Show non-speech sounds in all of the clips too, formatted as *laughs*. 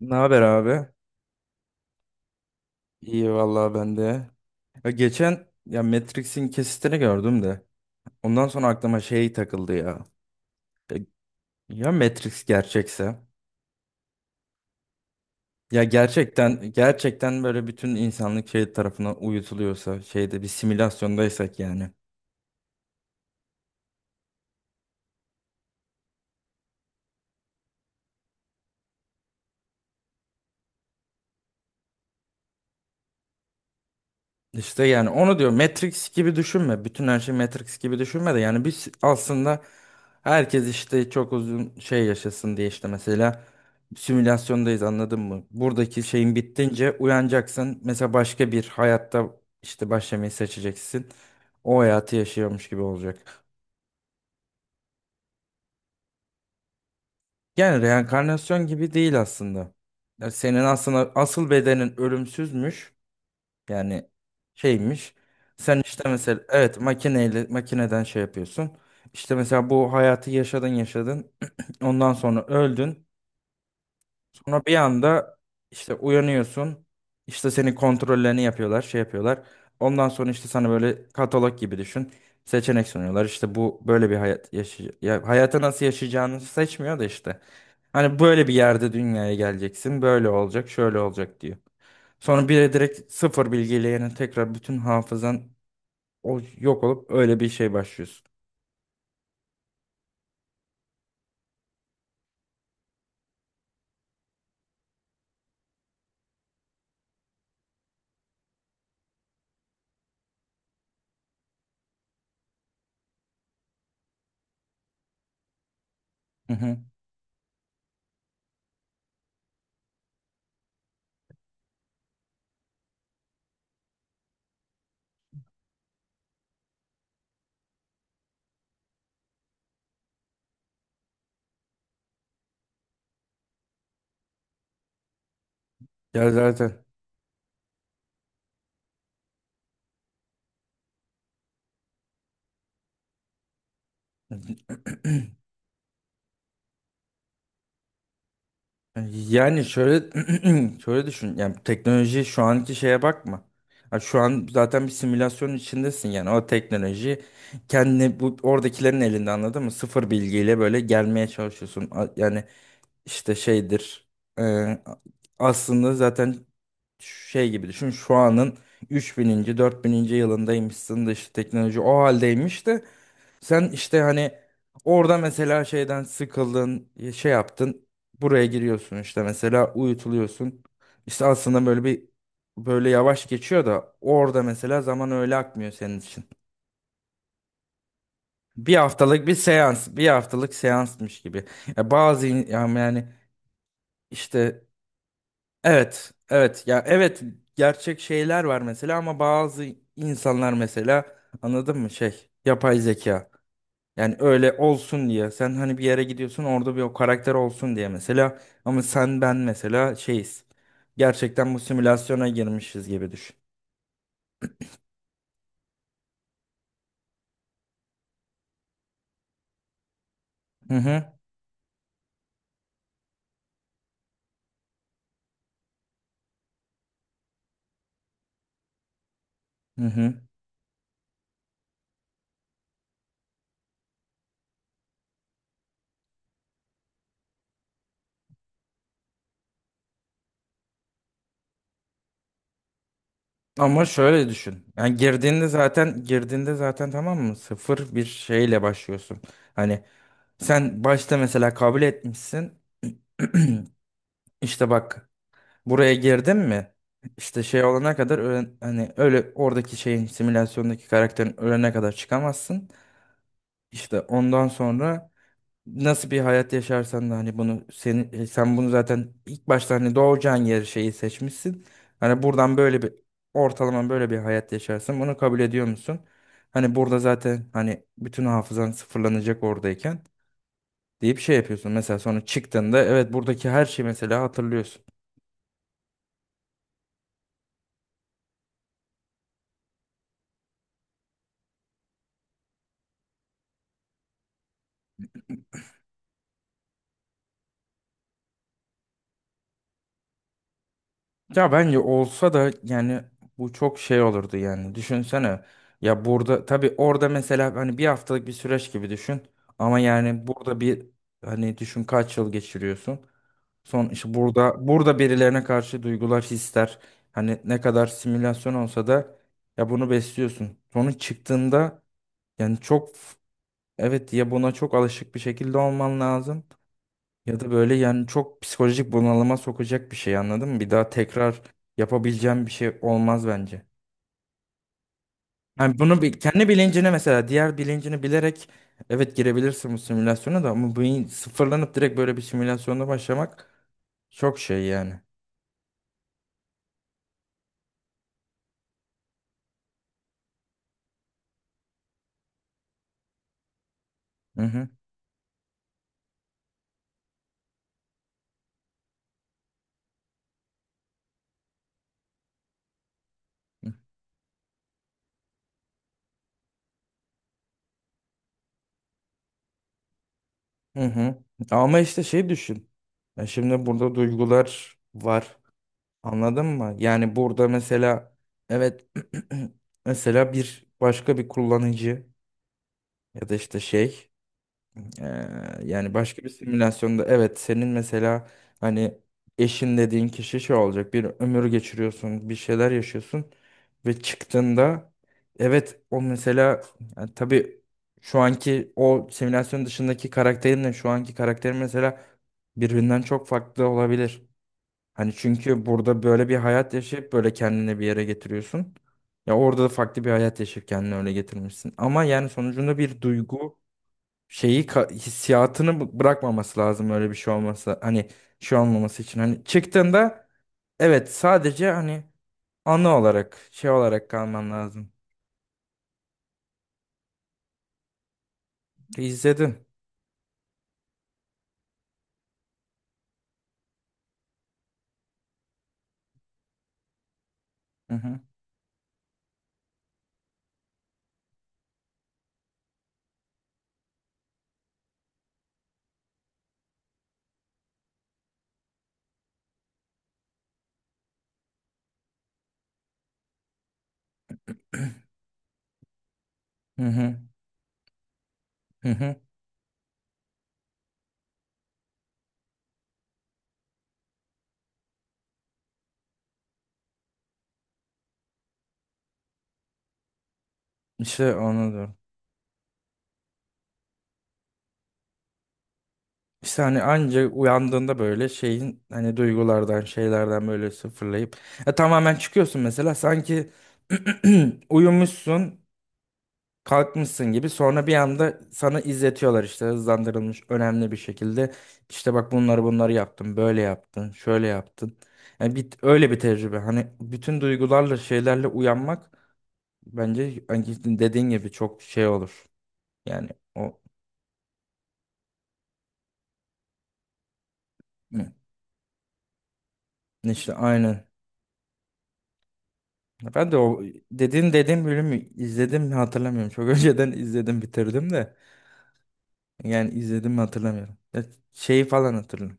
Ne haber abi? İyi vallahi ben de. Geçen Matrix'in kesitini gördüm de. Ondan sonra aklıma şey takıldı ya Ya, ya Matrix gerçekse? Ya gerçekten böyle bütün insanlık şey tarafına uyutuluyorsa, şeyde bir simülasyondaysak yani. İşte yani onu diyor, Matrix gibi düşünme. Bütün her şey Matrix gibi düşünme de yani biz aslında herkes işte çok uzun şey yaşasın diye işte mesela simülasyondayız, anladın mı? Buradaki şeyin bittince uyanacaksın. Mesela başka bir hayatta işte başlamayı seçeceksin. O hayatı yaşıyormuş gibi olacak. Yani reenkarnasyon gibi değil aslında. Yani senin aslında asıl bedenin ölümsüzmüş. Yani şeymiş. Sen işte mesela evet makineyle makineden şey yapıyorsun. İşte mesela bu hayatı yaşadın. *clears throat* Ondan sonra öldün. Sonra bir anda işte uyanıyorsun. İşte senin kontrollerini yapıyorlar, şey yapıyorlar. Ondan sonra işte sana böyle katalog gibi düşün. Seçenek sunuyorlar. İşte bu böyle bir hayat yaşay ya hayatı nasıl yaşayacağını seçmiyor da işte. Hani böyle bir yerde dünyaya geleceksin, böyle olacak, şöyle olacak diyor. Sonra bir de direkt sıfır bilgiyle yani tekrar bütün hafızan o yok olup öyle bir şey başlıyorsun. Hı hı. Ya zaten. *clears throat* Yani şöyle, *clears throat* şöyle düşün. Yani teknoloji şu anki şeye bakma. Ha, şu an zaten bir simülasyonun içindesin yani o teknoloji kendini bu oradakilerin elinde, anladın mı? Sıfır bilgiyle böyle gelmeye çalışıyorsun. Yani işte şeydir. e, Aslında zaten şey gibi düşün. Şu anın 3000. 4000. yılındaymışsın da işte teknoloji o haldeymiş de sen işte hani orada mesela şeyden sıkıldın, şey yaptın. Buraya giriyorsun işte mesela uyutuluyorsun. İşte aslında böyle bir böyle yavaş geçiyor da orada mesela zaman öyle akmıyor senin için. Bir haftalık bir seans, bir haftalık seansmış gibi. Ya bazı yani işte evet, gerçek şeyler var mesela ama bazı insanlar mesela, anladın mı, şey yapay zeka. Yani öyle olsun diye. Sen hani bir yere gidiyorsun orada bir o karakter olsun diye mesela. Ama sen ben mesela şeyiz. Gerçekten bu simülasyona girmişiz gibi düşün. Hı hı. Hı hı. Ama şöyle düşün. Yani girdiğinde zaten tamam mı? Sıfır bir şeyle başlıyorsun. Hani sen başta mesela kabul etmişsin. *clears throat* İşte bak, buraya girdin mi? İşte şey olana kadar hani öyle oradaki şeyin simülasyondaki karakterin ölene kadar çıkamazsın. İşte ondan sonra nasıl bir hayat yaşarsan da hani bunu seni sen bunu zaten ilk başta hani doğacağın yeri şeyi seçmişsin. Hani buradan böyle bir ortalama böyle bir hayat yaşarsın. Bunu kabul ediyor musun? Hani burada zaten hani bütün hafızan sıfırlanacak oradayken deyip şey yapıyorsun. Mesela sonra çıktığında evet buradaki her şeyi mesela hatırlıyorsun. Ya bence olsa da yani bu çok şey olurdu yani. Düşünsene, ya burada tabii orada mesela hani bir haftalık bir süreç gibi düşün. Ama yani burada bir hani düşün kaç yıl geçiriyorsun. Son işte burada birilerine karşı duygular, hisler hani ne kadar simülasyon olsa da ya bunu besliyorsun. Sonra çıktığında yani çok evet ya buna çok alışık bir şekilde olman lazım. Ya da böyle yani çok psikolojik bunalıma sokacak bir şey, anladın mı? Bir daha tekrar yapabileceğim bir şey olmaz bence. Yani bunu bir, kendi bilincine mesela diğer bilincini bilerek evet girebilirsin bu simülasyona da ama bu sıfırlanıp direkt böyle bir simülasyonda başlamak çok şey yani. Hı hı. Hı hı. Ama işte şey düşün. Ya şimdi burada duygular var. Anladın mı? Yani burada mesela evet, *clears throat* mesela bir başka bir kullanıcı ya da işte şey. Ee, Yani başka bir simülasyonda evet senin mesela hani eşin dediğin kişi şey olacak bir ömür geçiriyorsun bir şeyler yaşıyorsun ve çıktığında evet o mesela yani tabii şu anki o simülasyon dışındaki karakterinle şu anki karakterim mesela birbirinden çok farklı olabilir. Hani çünkü burada böyle bir hayat yaşayıp böyle kendini bir yere getiriyorsun. Ya orada da farklı bir hayat yaşayıp kendini öyle getirmişsin. Ama yani sonucunda bir duygu hissiyatını bırakmaması lazım öyle bir şey olması. Hani şey olmaması için. Hani çıktığında evet sadece hani anı olarak şey olarak kalman lazım. İzledin. Hı hı. *clears throat* Hı hı. Hı hı. İşte onu diyorum. İşte hani anca uyandığında böyle şeyin hani duygulardan şeylerden böyle sıfırlayıp tamamen çıkıyorsun mesela sanki *clears throat* uyumuşsun kalkmışsın gibi sonra bir anda sana izletiyorlar işte hızlandırılmış önemli bir şekilde işte bak bunları yaptın böyle yaptın şöyle yaptın yani bir, öyle bir tecrübe hani bütün duygularla şeylerle uyanmak bence hani dediğin gibi çok şey olur yani o hı, işte aynı ben de o dediğim bölümü izledim mi hatırlamıyorum çok *laughs* önceden izledim bitirdim de yani izledim mi hatırlamıyorum. Ya şeyi falan hatırlıyorum.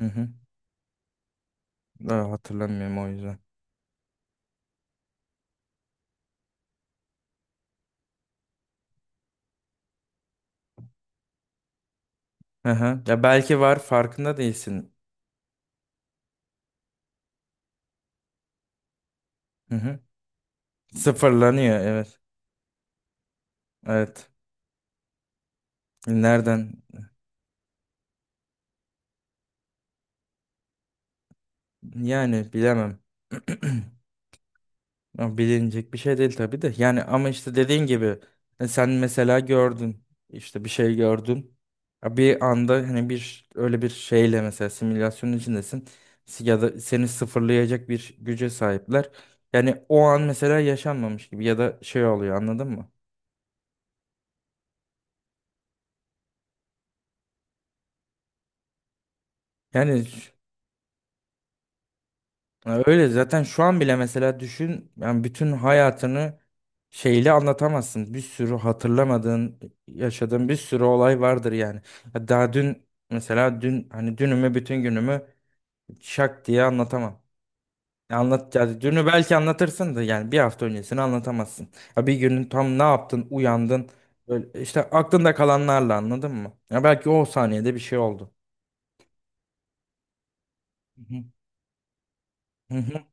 Hı hı. Daha hatırlamıyorum o yüzden. Hı hı. Ya belki var farkında değilsin. Hı hı. Sıfırlanıyor, evet. Evet. Nereden? Yani bilemem. *clears throat* Ama bilinecek bir şey değil tabii de. Yani ama işte dediğin gibi, sen mesela gördün, işte bir şey gördün. Ya bir anda hani bir öyle bir şeyle mesela simülasyonun içindesin. Ya da seni sıfırlayacak bir güce sahipler. Yani o an mesela yaşanmamış gibi ya da şey oluyor, anladın mı? Yani ya öyle zaten şu an bile mesela düşün yani bütün hayatını şeyle anlatamazsın. Bir sürü hatırlamadığın, yaşadığın bir sürü olay vardır yani. Ya daha dün mesela dün hani dünümü bütün günümü şak diye anlatamam. Ya anlat yani dünü belki anlatırsın da yani bir hafta öncesini anlatamazsın. Ya bir günün tam ne yaptın, uyandın böyle işte aklında kalanlarla, anladın mı? Ya belki o saniyede bir şey oldu. Hı hı. Hı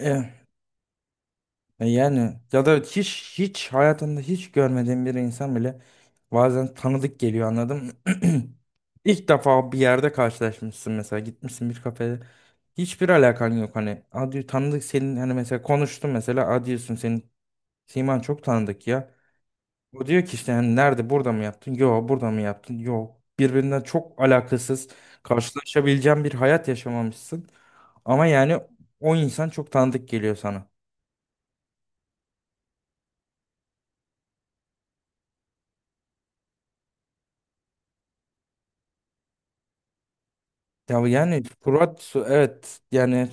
hı. E yani ya da hiç hayatında hiç görmediğin bir insan bile bazen tanıdık geliyor, anladın mı? *clears throat* İlk defa bir yerde karşılaşmışsın mesela gitmişsin bir kafede hiçbir alakan yok hani adi tanıdık senin hani mesela konuştum mesela adi diyorsun senin siman çok tanıdık ya. O diyor ki işte hani nerede, burada mı yaptın? Yo, burada mı yaptın? Yo, birbirinden çok alakasız karşılaşabileceğin bir hayat yaşamamışsın. Ama yani o insan çok tanıdık geliyor sana. Ya yani Fırat evet yani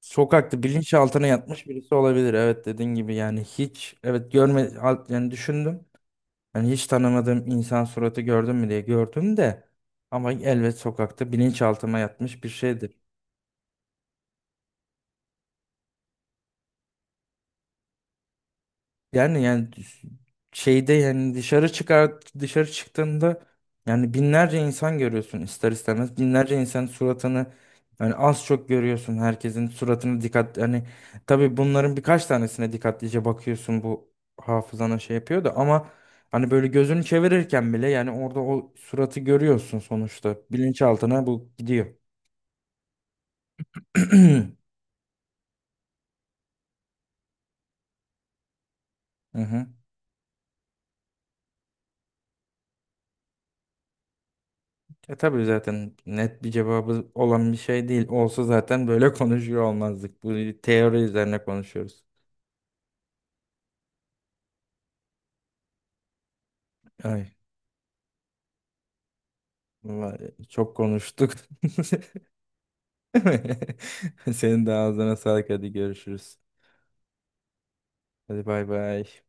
sokakta bilinçaltına yatmış birisi olabilir. Evet dediğin gibi yani hiç evet yani düşündüm. Yani hiç tanımadığım insan suratı gördüm mü diye gördüm de ama elbet sokakta bilinçaltıma yatmış bir şeydir. Yani şeyde yani dışarı çıktığında yani binlerce insan görüyorsun ister istemez. Binlerce insan suratını yani az çok görüyorsun, herkesin suratını dikkat yani tabii bunların birkaç tanesine dikkatlice bakıyorsun bu hafızana şey yapıyor da ama hani böyle gözünü çevirirken bile yani orada o suratı görüyorsun sonuçta bilinçaltına bu gidiyor. *clears throat* Hı hı. E tabii zaten net bir cevabı olan bir şey değil. Olsa zaten böyle *laughs* konuşuyor olmazdık. Bu teori üzerine konuşuyoruz. Ay, vallahi çok konuştuk. *laughs* Senin de ağzına sağlık. Hadi görüşürüz. Hadi bay bay.